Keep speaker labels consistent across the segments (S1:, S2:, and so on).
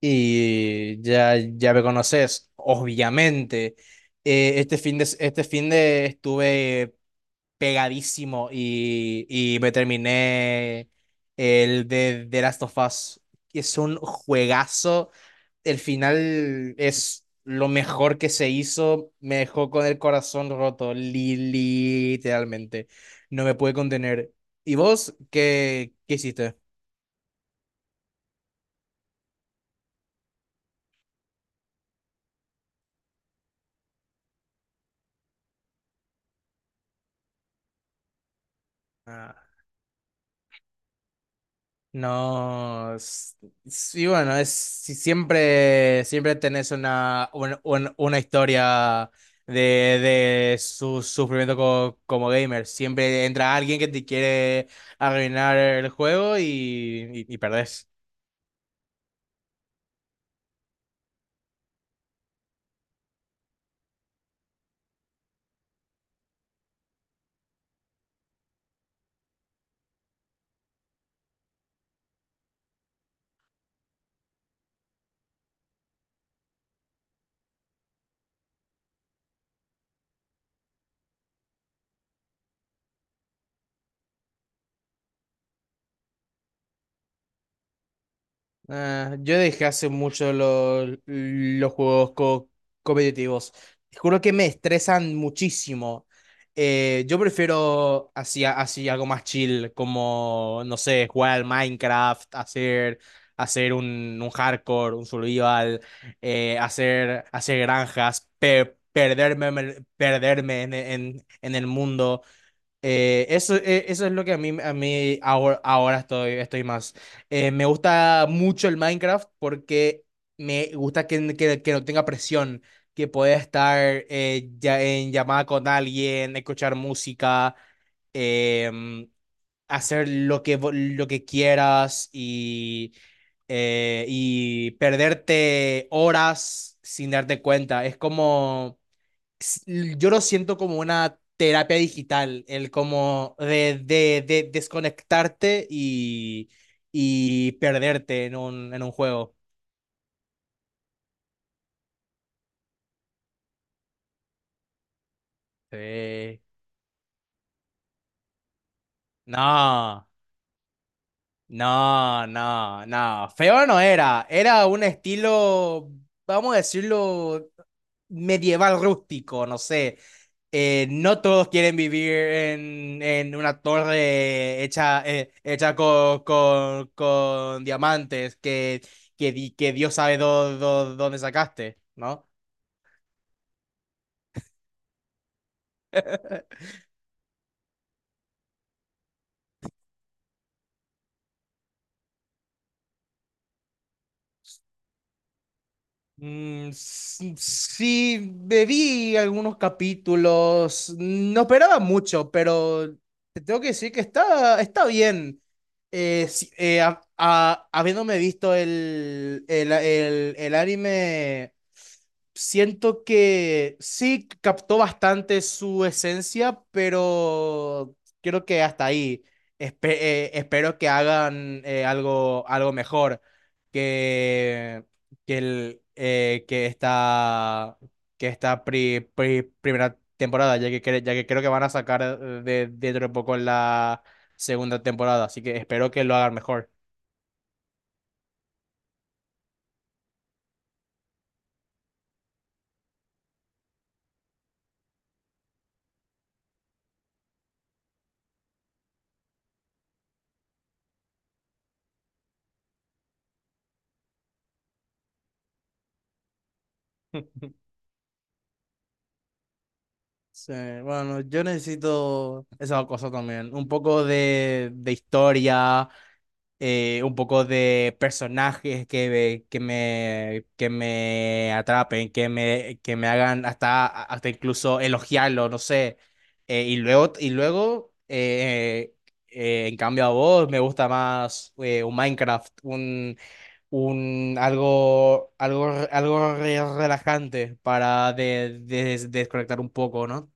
S1: Y ya, ya me conoces, obviamente. Este fin de estuve pegadísimo y me terminé el de The Last of Us, que es un juegazo. El final es lo mejor que se hizo, me dejó con el corazón roto, literalmente. No me pude contener. ¿Y vos qué hiciste? No, sí, bueno, es si siempre tenés una historia de su sufrimiento como gamer. Siempre entra alguien que te quiere arruinar el juego y perdés. Ah, yo dejé hace mucho los juegos competitivos. Te juro que me estresan muchísimo. Yo prefiero así algo más chill, como, no sé, jugar al Minecraft, hacer un hardcore, un survival, hacer granjas, perderme, perderme en el mundo. Eso es lo que a mí ahora estoy más. Me gusta mucho el Minecraft porque me gusta que no tenga presión, que pueda estar ya en llamada con alguien, escuchar música, em, hacer lo que quieras y perderte horas sin darte cuenta. Es como yo lo siento como una terapia digital, el como de desconectarte y perderte en un juego. Sí. No. No, no, no. Feo no era. Era un estilo, vamos a decirlo, medieval rústico, no sé. No todos quieren vivir en una torre hecha, hecha con diamantes que Dios sabe dónde sacaste, ¿no? Mm, sí, bebí algunos capítulos, no esperaba mucho, pero te tengo que decir que está bien. Sí, habiéndome visto el anime, siento que sí captó bastante su esencia, pero creo que hasta ahí. Espero que hagan algo mejor. Que que, el, eh, que esta, que esta primera temporada, ya que creo que van a sacar dentro de poco la segunda temporada, así que espero que lo hagan mejor. Sí, bueno, yo necesito esa cosa también. Un poco de historia, un poco de personajes que me atrapen, que me hagan hasta incluso elogiarlo, no sé. Y luego, en cambio a vos me gusta más un Minecraft, un algo relajante para desconectar un poco, ¿no?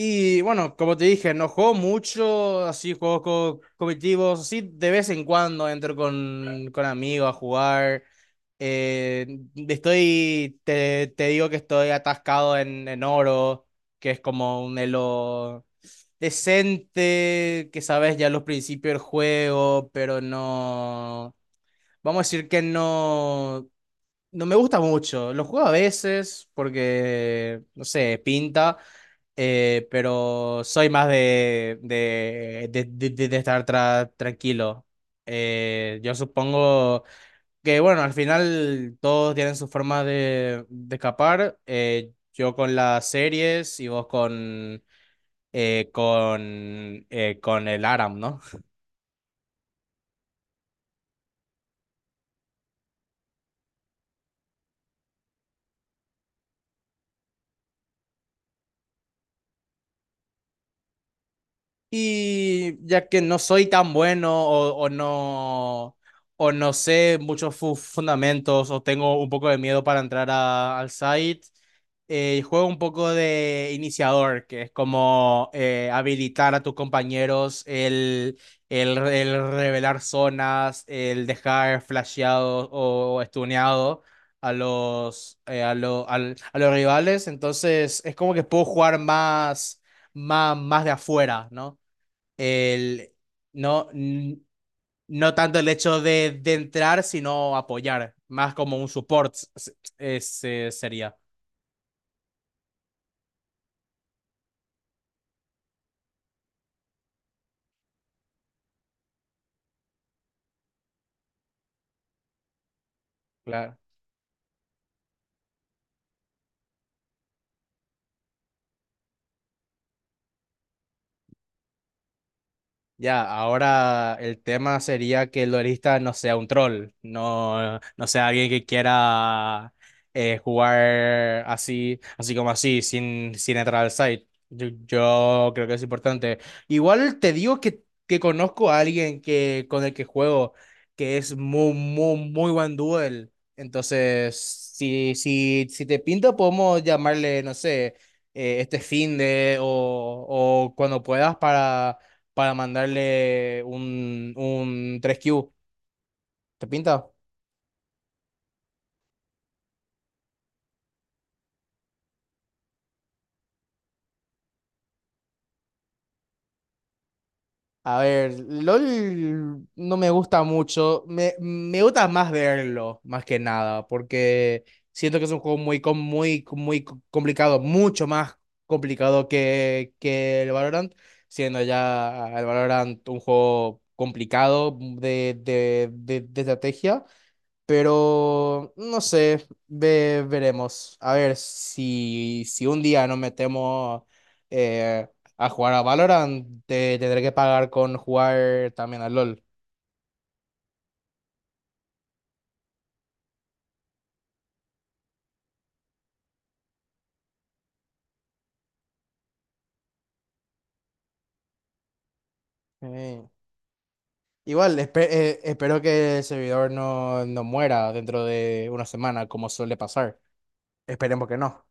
S1: Y bueno, como te dije, no juego mucho, así juegos competitivos, así de vez en cuando entro con amigos a jugar. Eh, te digo que estoy atascado en oro, que es como un elo decente, que sabes ya los principios del juego, pero no, vamos a decir que no, no me gusta mucho. Lo juego a veces porque, no sé, pinta. Pero soy más de estar tranquilo. Yo supongo que, bueno, al final todos tienen su forma de escapar. Yo con las series y vos eh, con, con el Aram, ¿no? Y ya que no soy tan bueno o no sé muchos fundamentos o tengo un poco de miedo para entrar al site, juego un poco de iniciador, que es como habilitar a tus compañeros el revelar zonas, el dejar flasheado o stuneado a los, a, lo- al- a los rivales. Entonces es como que puedo jugar más, más, más de afuera, ¿no? el, no, n- no tanto el hecho de entrar, sino apoyar, más como un support ese sería. Ya, ahora el tema sería que el duelista no sea un troll, no sea alguien que quiera jugar así como así, sin entrar al site. Yo creo que es importante. Igual te digo que conozco a alguien que, con el que juego, que es muy, muy, muy buen duel. Entonces, si te pinta, podemos llamarle, no sé, este finde o cuando puedas para mandarle un tres q. ¿Te pinta? A ver, LOL no me gusta mucho. Me gusta más verlo, más que nada, porque siento que es un juego muy complicado, mucho más complicado que el Valorant, siendo ya el Valorant un juego complicado de estrategia. Pero no sé, veremos. A ver si un día nos metemos eh, a jugar a Valorant, te tendré que pagar con jugar también al LOL. Eh, Igual, espero que el servidor no muera dentro de una semana, como suele pasar. Esperemos que no.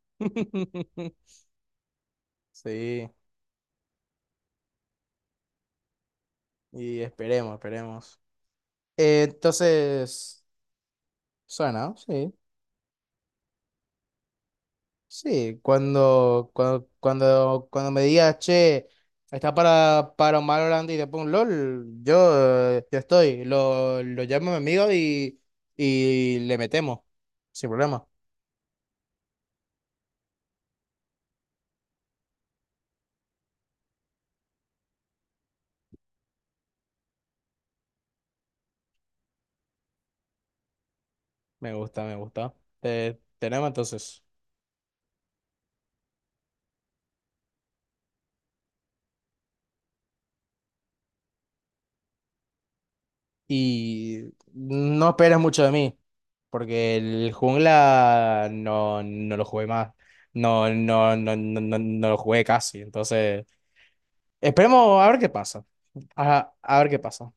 S1: Sí, y esperemos, esperemos. Entonces, suena, sí. Sí, cuando me digas, che, está para Omar Orlando y te pongo LOL, yo estoy, lo llamo a mi amigo y le metemos, sin problema. Me gusta, me gusta. Tenemos entonces. Y no esperes mucho de mí, porque el jungla no lo jugué más, no lo jugué casi, entonces esperemos a ver qué pasa, a ver qué pasa.